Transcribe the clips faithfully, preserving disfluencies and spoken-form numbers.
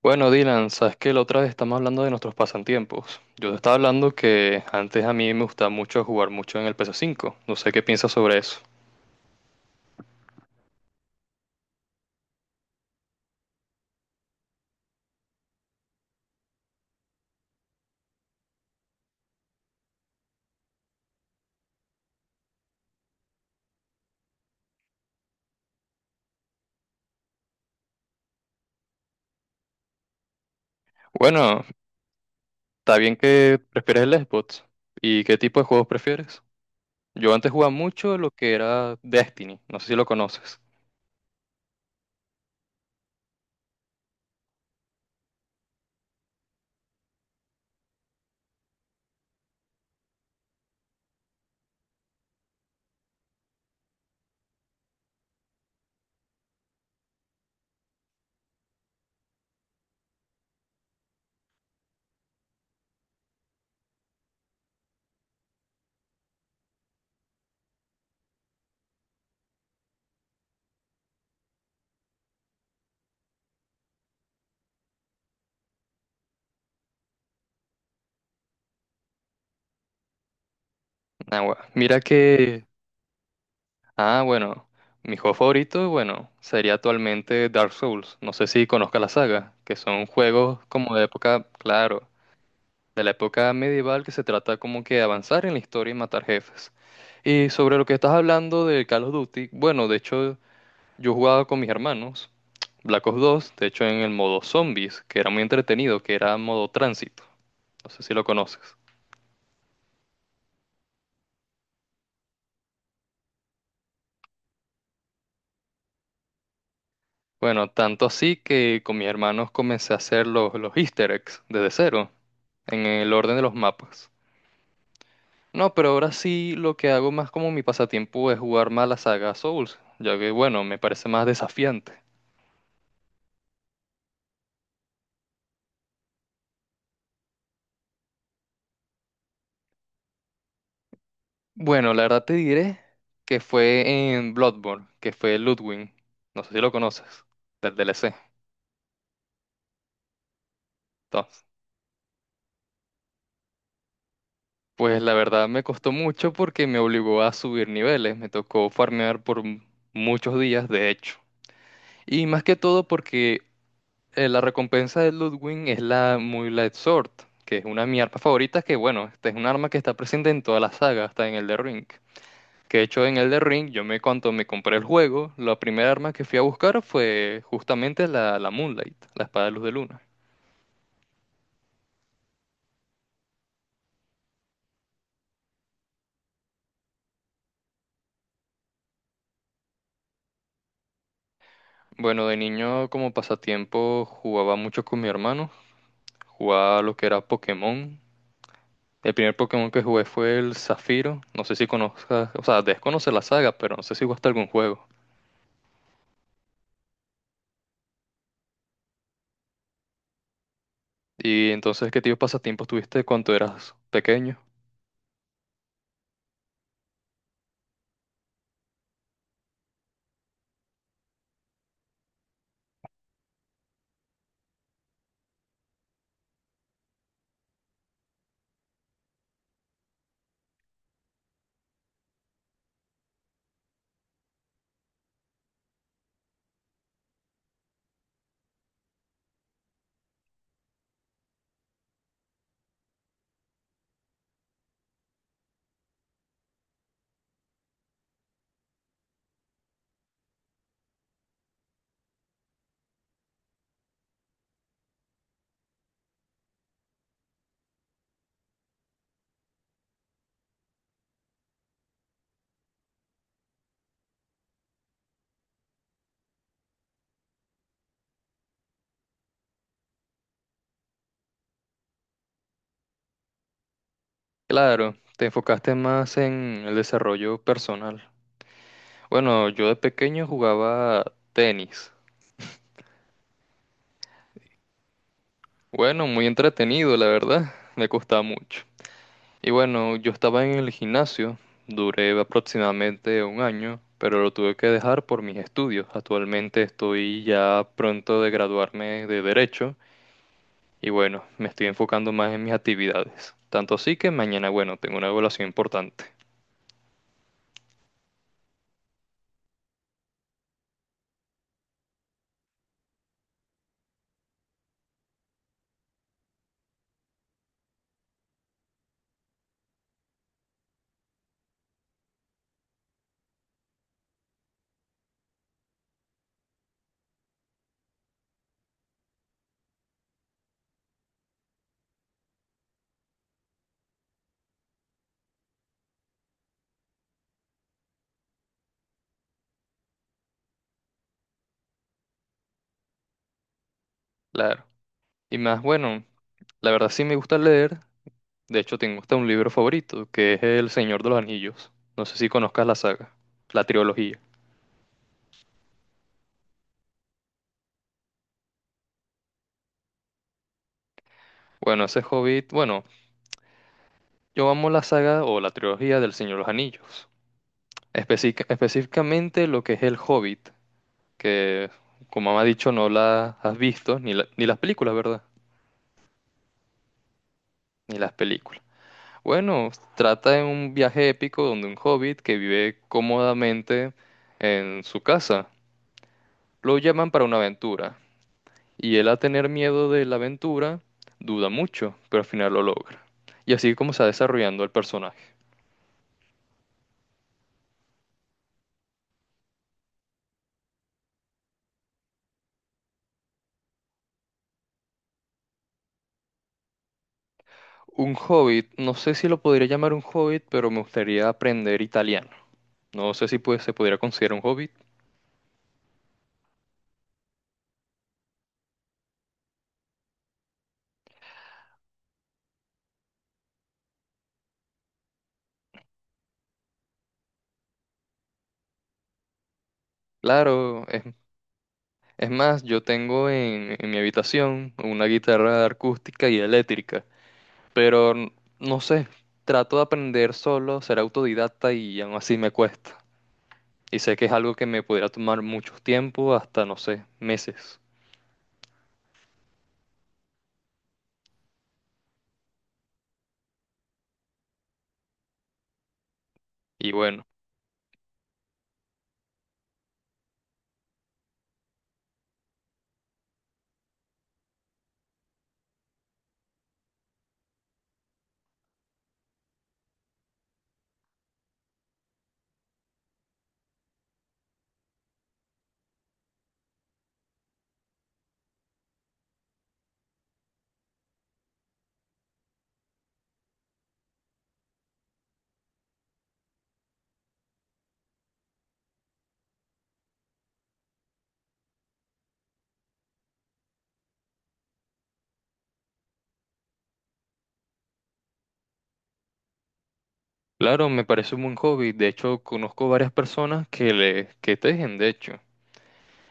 Bueno, Dylan, sabes que la otra vez estamos hablando de nuestros pasatiempos. Yo te estaba hablando que antes a mí me gustaba mucho jugar mucho en el P S cinco. No sé qué piensas sobre eso. Bueno, está bien que prefieres el Xbox. ¿Y qué tipo de juegos prefieres? Yo antes jugaba mucho lo que era Destiny. No sé si lo conoces. Ah, gua- Mira que... Ah, bueno. Mi juego favorito, bueno, sería actualmente Dark Souls. No sé si conozcas la saga, que son juegos como de época, claro. De la época medieval que se trata como que de avanzar en la historia y matar jefes. Y sobre lo que estás hablando de Call of Duty, bueno, de hecho yo jugaba con mis hermanos Black Ops dos, de hecho en el modo zombies, que era muy entretenido, que era modo tránsito. No sé si lo conoces. Bueno, tanto así que con mis hermanos comencé a hacer los, los easter eggs desde cero, en el orden de los mapas. No, pero ahora sí lo que hago más como mi pasatiempo es jugar más la saga Souls, ya que bueno, me parece más desafiante. Bueno, la verdad te diré que fue en Bloodborne, que fue Ludwig. No sé si lo conoces, del D L C. Entonces, pues la verdad me costó mucho porque me obligó a subir niveles. Me tocó farmear por m- muchos días, de hecho. Y más que todo porque eh, la recompensa de Ludwig es la Muy Light Sword, que es una de mis armas favoritas, que bueno, esta es un arma que está presente en toda la saga, hasta en el de Ring. Que de hecho en Elden Ring, yo me cuando me compré el juego, la primera arma que fui a buscar fue justamente la, la Moonlight, la espada de luz de luna. Bueno, de niño como pasatiempo jugaba mucho con mi hermano, jugaba lo que era Pokémon. El primer Pokémon que jugué fue el Zafiro, no sé si conozcas, o sea, debes conocer la saga, pero no sé si jugaste algún juego. Y entonces, ¿qué tipo de pasatiempos tuviste cuando eras pequeño? Claro, te enfocaste más en el desarrollo personal. Bueno, yo de pequeño jugaba tenis. Bueno, muy entretenido, la verdad. Me costaba mucho. Y bueno, yo estaba en el gimnasio, duré aproximadamente un año, pero lo tuve que dejar por mis estudios. Actualmente estoy ya pronto de graduarme de Derecho y bueno, me estoy enfocando más en mis actividades. Tanto así que mañana, bueno, tengo una evaluación importante. Claro. Y más, bueno, la verdad sí me gusta leer. De hecho, tengo hasta un libro favorito, que es El Señor de los Anillos. No sé si conozcas la saga, la trilogía. Bueno, ese Hobbit, bueno, yo amo la saga o la trilogía del Señor de los Anillos. Especi- específicamente lo que es el Hobbit, que como me ha dicho no la has visto, ni, la- ni las películas, ¿verdad? Ni las películas. Bueno, trata de un viaje épico donde un hobbit que vive cómodamente en su casa, lo llaman para una aventura, y él a tener miedo de la aventura duda mucho, pero al final lo logra. Y así como se va desarrollando el personaje. Un hobbit, no sé si lo podría llamar un hobbit, pero me gustaría aprender italiano. No sé si pues, se podría considerar un hobbit. Claro, es, es más, yo tengo en, en mi habitación una guitarra acústica y eléctrica, pero n- no sé, trato de aprender solo, ser autodidacta y aún así me cuesta. Y sé que es algo que me podría tomar mucho tiempo, hasta no sé, meses. Y bueno, claro, me parece un buen hobby. De hecho, conozco varias personas que le, que tejen, de hecho.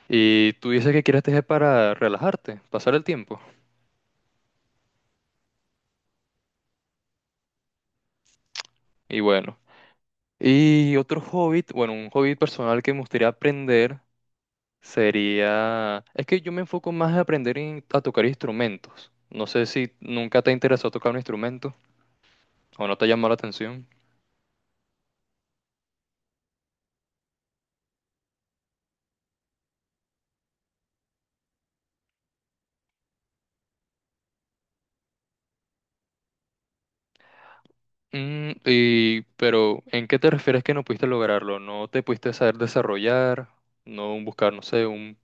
Y tú dices que quieres tejer para relajarte, pasar el tiempo. Y bueno. Y otro hobby, bueno, un hobby personal que me gustaría aprender sería... Es que yo me enfoco más a aprender in- a tocar instrumentos. No sé si nunca te interesó tocar un instrumento o no te ha llamado la atención. Mm, y... Pero, ¿en qué te refieres que no pudiste lograrlo? ¿No te pudiste saber desarrollar? ¿No buscar, no sé, un...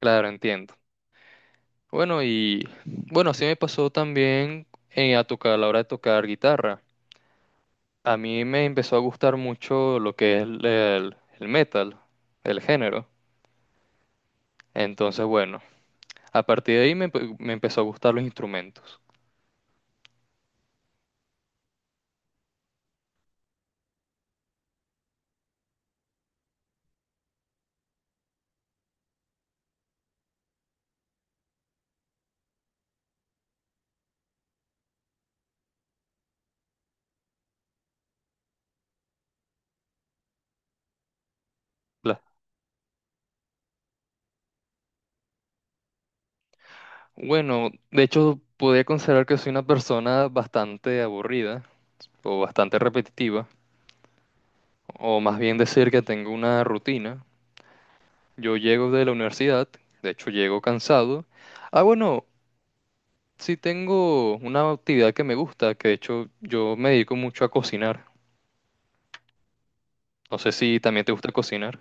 Claro, entiendo. Bueno, y bueno, así me pasó también eh, a tocar, a la hora de tocar guitarra. A mí me empezó a gustar mucho lo que es el, el- el metal, el género. Entonces, bueno, a partir de ahí me, empe- me empezó a gustar los instrumentos. La- Bueno, de hecho, podría considerar que soy una persona bastante aburrida o bastante repetitiva, o más bien decir que tengo una rutina. Yo llego de la universidad, de hecho llego cansado. Ah, bueno, sí tengo una actividad que me gusta, que de hecho yo me dedico mucho a cocinar. No sé si también te gusta cocinar.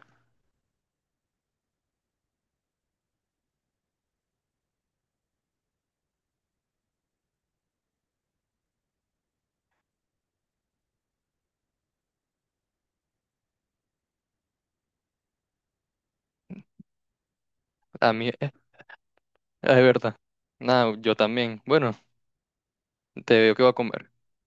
A mí, eh, es verdad. Nada, yo también. Bueno, te veo que voy a comer.